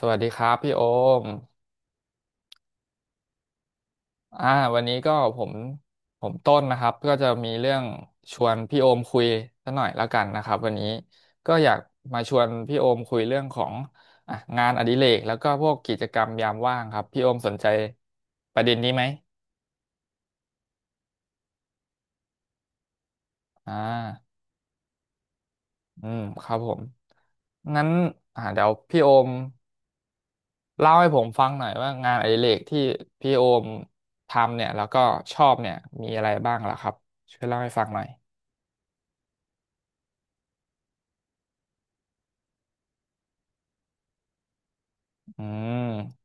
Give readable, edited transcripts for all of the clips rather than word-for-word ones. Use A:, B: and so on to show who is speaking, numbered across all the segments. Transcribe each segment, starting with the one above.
A: สวัสดีครับพี่โอมอ่าวันนี้ก็ผมต้นนะครับก็จะมีเรื่องชวนพี่โอมคุยสักหน่อยแล้วกันนะครับวันนี้ก็อยากมาชวนพี่โอมคุยเรื่องของอ่ะงานอดิเรกแล้วก็พวกกิจกรรมยามว่างครับพี่โอมสนใจประเด็นนี้ไหมอ่าอืมครับผมงั้นเดี๋ยวพี่โอมเล่าให้ผมฟังหน่อยว่างานอดิเรกที่พี่โอมทำเนี่ยแล้วก็ชอบเนี่ยมีอะไรบ้างล่ะครับช่วยเล่าให้ฟังหน่อย อืม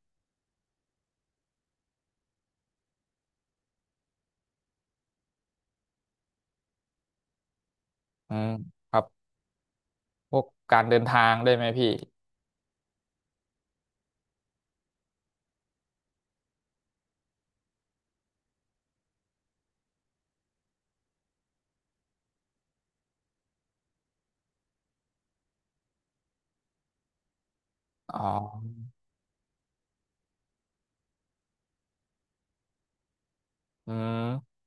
A: อืมครับพวกการเดินทางได้ไหมพี่อ๋ออืม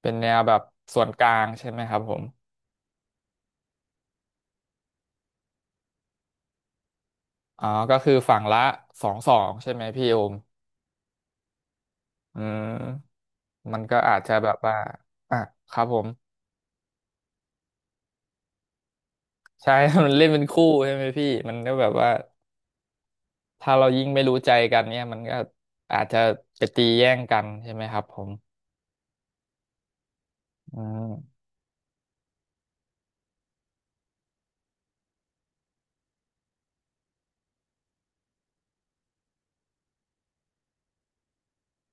A: เป็นแนวแบบส่วนกลางใช่ไหมครับผมอ๋อก็คือฝั่งละสองใช่ไหมพี่โอมอืมมันก็อาจจะแบบว่าอ่ะครับผมใช่ มันเล่นเป็นคู่ใช่ไหมพี่มันก็แบบว่าถ้าเรายิ่งไม่รู้ใจกันเนี่ยมันก็อาจจะไปตีแย่งกันใช่ไหมครับผมอืม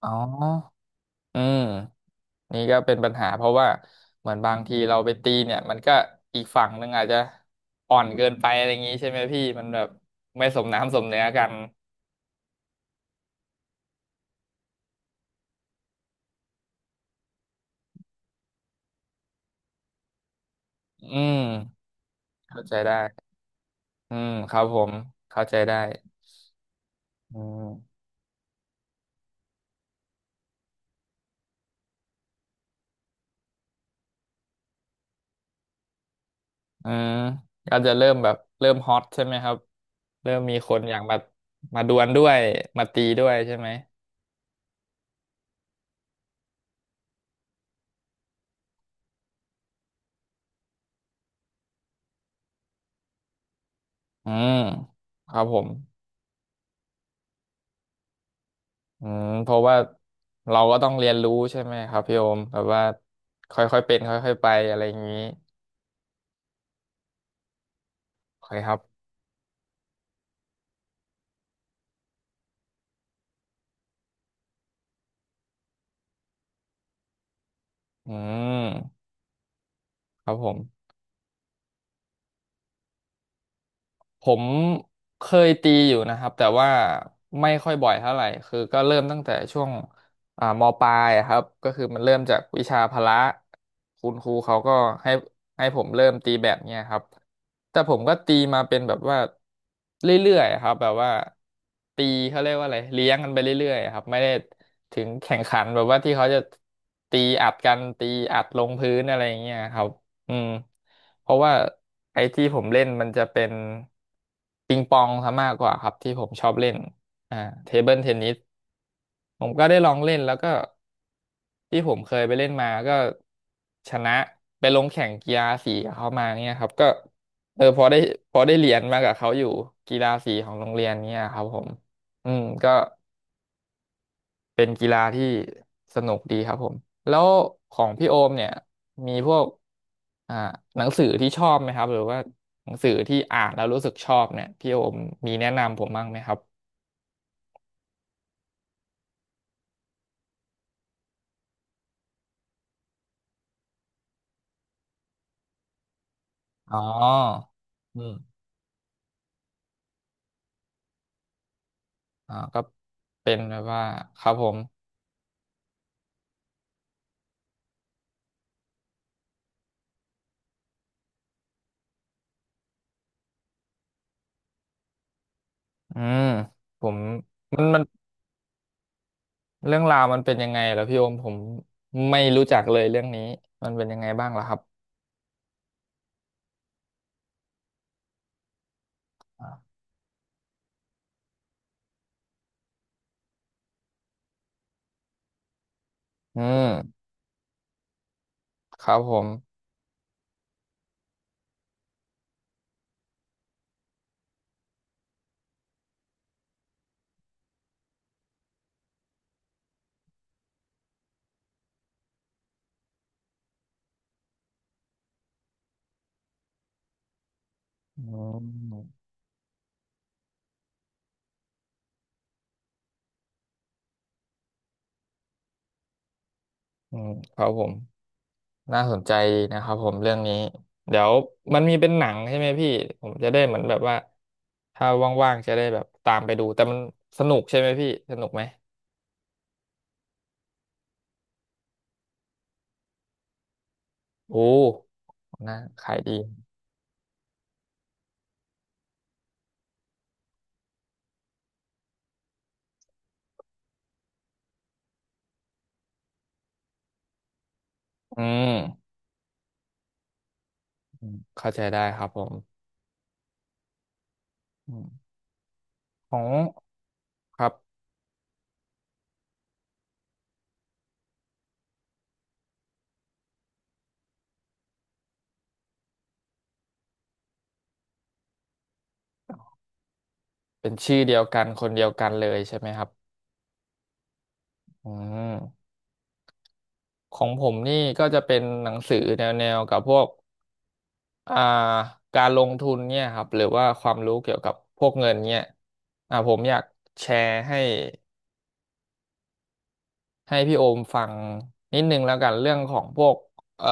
A: อ๋อ อืมนี่ก็เป็นปัญหาเพราะว่าเหมือนบางทีเราไปตีเนี่ยมันก็อีกฝั่งหนึ่งอาจจะอ่อนเกินไปอะไรอย่างงี้ใช่ไหมพี่มันแบบไม่สมน้ำสมเนื้อกันอืมเข้าใจได้อืมครับผมเข้าใจได้อืมอืมก็จะเริ่มแบบเริ่มฮอตใช่ไหมครับเริ่มมีคนอยากมามาดวลด้วยมาตีด้วยใช่ไหมอืมครับผม อืมเพราะว่าเราก็ต้องเรียนรู้ใช่ไหมครับพี่โอมแบบว่าค่อยๆเป็นค่อยๆไปอะไรอย่างนี้โอเคครับอืมครับผม ผมเคยตีอยู่นะครับแต่ว่าไม่ค่อยบ่อยเท่าไหร่คือก็เริ่มตั้งแต่ช่วงมปลายอะครับก็คือมันเริ่มจากวิชาพละคุณครูเขาก็ให้ให้ผมเริ่มตีแบดเนี่ยครับแต่ผมก็ตีมาเป็นแบบว่าเรื่อยๆอะครับแบบว่าตีเขาเรียกว่าอะไรเลี้ยงกันไปเรื่อยๆอะครับไม่ได้ถึงแข่งขันแบบว่าที่เขาจะตีอัดกันตีอัดลงพื้นอะไรอย่างเงี้ยครับ อืมเพราะว่าไอ้ที่ผมเล่นมันจะเป็นปิงปองซะมากกว่าครับที่ผมชอบเล่นอ่าเทเบิลเทนนิสผมก็ได้ลองเล่นแล้วก็ที่ผมเคยไปเล่นมาก็ชนะไปลงแข่งกีฬาสีกับเขามาเนี่ยครับก็เออพอได้พอได้เหรียญมากับเขาอยู่กีฬาสีของโรงเรียนเนี่ยครับผมอืมก็ เป็นกีฬาที่สนุกดีครับผมแล้วของพี่โอมเนี่ยมีพวกอ่าหนังสือที่ชอบไหมครับหรือว่าหนังสือที่อ่านแล้วรู้สึกชอบเนี่ยพี่โอมมีแนะนำผมบ้างไหมครับอ๋ออืมอ่าก็เป็นแบบว่าครับผมอืมผมมันเรื่องราวมันเป็นยังไงเหรอพี่โอมผมไม่รู้จักเลยเรื่องนี้มันเป็นยังไงบ้างล่ะครับออืมครับผมอืมอืมครับผม น่าสนใจนะครับผมเรื่องนี้เดี๋ยวมันมีเป็นหนังใช่ไหมพี่ผมจะได้เหมือนแบบว่าถ้าว่างๆจะได้แบบตามไปดูแต่มันสนุกใช่ไหมพี่สนุกไหมโอ้น่าขายดีอืมอืมเข้าใจได้ครับผมอืมของครับเป็นชื่อเดียวกันคนเดียวกันเลยใช่ไหมครับอืมของผมนี่ก็จะเป็นหนังสือแนวๆกับพวก อ่าการลงทุนเนี่ยครับหรือว่าความรู้เกี่ยวกับพวกเงินเนี่ยอ่าผมอยากแชร์ให้พี่โอมฟังนิดนึงแล้วกันเรื่องของพวกเอ่อ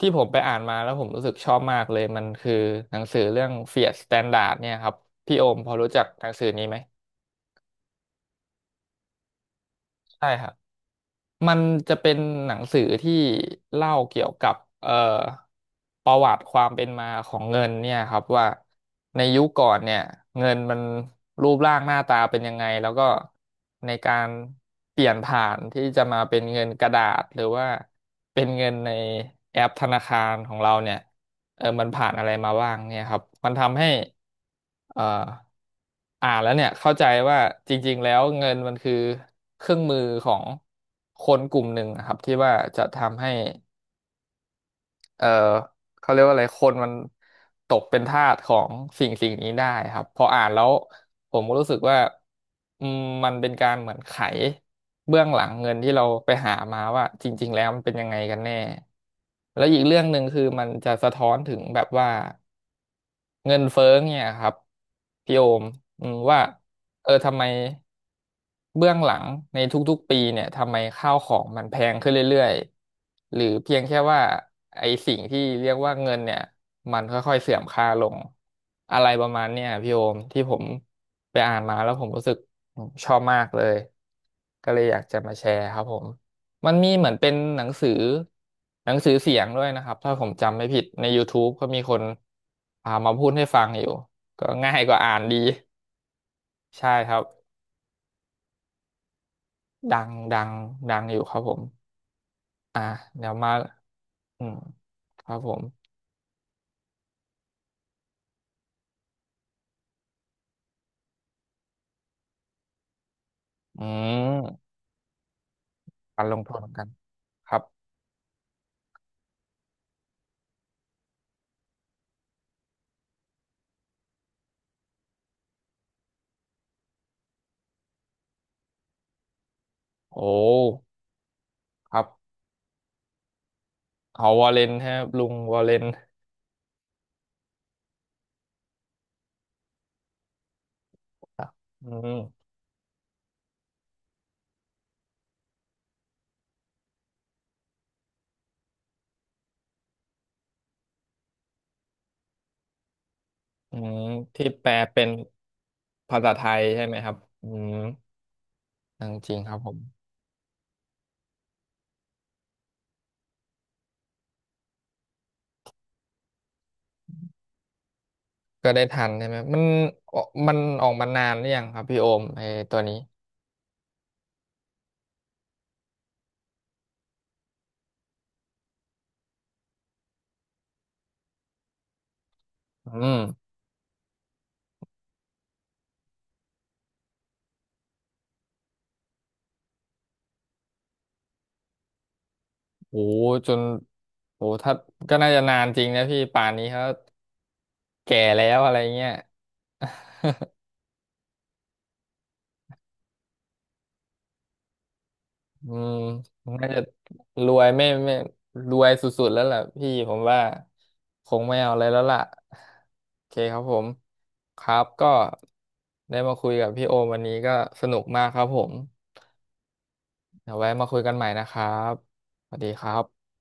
A: ที่ผมไปอ่านมาแล้วผมรู้สึกชอบมากเลยมันคือหนังสือเรื่อง Fiat Standard เนี่ยครับพี่โอมพอรู้จักหนังสือนี้ไหมใช่ครับ มันจะเป็นหนังสือที่เล่าเกี่ยวกับเอ่อประวัติความเป็นมาของเงินเนี่ยครับว่าในยุคก่อนเนี่ยเงินมันรูปร่างหน้าตาเป็นยังไงแล้วก็ในการเปลี่ยนผ่านที่จะมาเป็นเงินกระดาษหรือว่าเป็นเงินในแอปธนาคารของเราเนี่ย เออมันผ่านอะไรมาบ้างเนี่ยครับ มันทำให้เอ่ออ่านแล้วเนี่ยเข้าใจว่าจริงๆแล้วเงินมันคือเครื่องมือของคนกลุ่มหนึ่งนะครับที่ว่าจะทำให้เอ่อเขาเรียกว่าอะไรคนมันตกเป็นทาสของสิ่งนี้ได้ครับพออ่านแล้วผมก็รู้สึกว่าอืมมันเป็นการเหมือนไขเบื้องหลังเงินที่เราไปหามาว่าจริงๆแล้วมันเป็นยังไงกันแน่แล้วอีกเรื่องหนึ่งคือมันจะสะท้อนถึงแบบว่า เงินเฟ้อเนี่ยครับพี่โอมอืมว่าเออทำไมเบื้องหลังในทุกๆปีเนี่ยทำไมข้าวของมันแพงขึ้นเรื่อยๆหรือเพียงแค่ว่าไอ้สิ่งที่เรียกว่าเงินเนี่ยมันค่อยๆเสื่อมค่าลงอะไรประมาณเนี่ยพี่โอมที่ผมไปอ่านมาแล้วผมรู้สึกชอบมากเลยก็เลยอยากจะมาแชร์ครับผม มันมีเหมือนเป็นหนังสือหนังสือเสียงด้วยนะครับถ้าผมจำไม่ผิดใน YouTube ก็มีคนพามาพูดให้ฟังอยู่ก็ง่ายกว่าอ่านดีใช่ครับดังดังดังอยู่ครับผมอ่ะเดี๋ยวมาอืมครับผมอืมการลงโทษนกันครับโอ้ครับเอาวอลเลนครับลุงวอลเลนครับอืมอืมที่แปลเป็นภาษาไทยใช่ไหมครับอืมจริงๆครับผม ก็ได้ทันใช่ไหมมันออกมันออกมานานหรือยังครับพี่โอมไอ้ตัวนี้อืมโหจนโหถ้าก็น่าจะนานจริงนะพี่ป่านนี้เขาแก่แล้วอะไรเงี้ย อืมน่าจะรวยไม่รวยสุดๆแล้วล่ะพี่ผมว่าคงไม่เอาอะไรแล้วล่ะโอเคครับผมครับก็ได้มาคุยกับพี่โอมวันนี้ก็สนุกมากครับผมเดี๋ยวไว้มาคุยกันใหม่นะครับสวัสดีครับ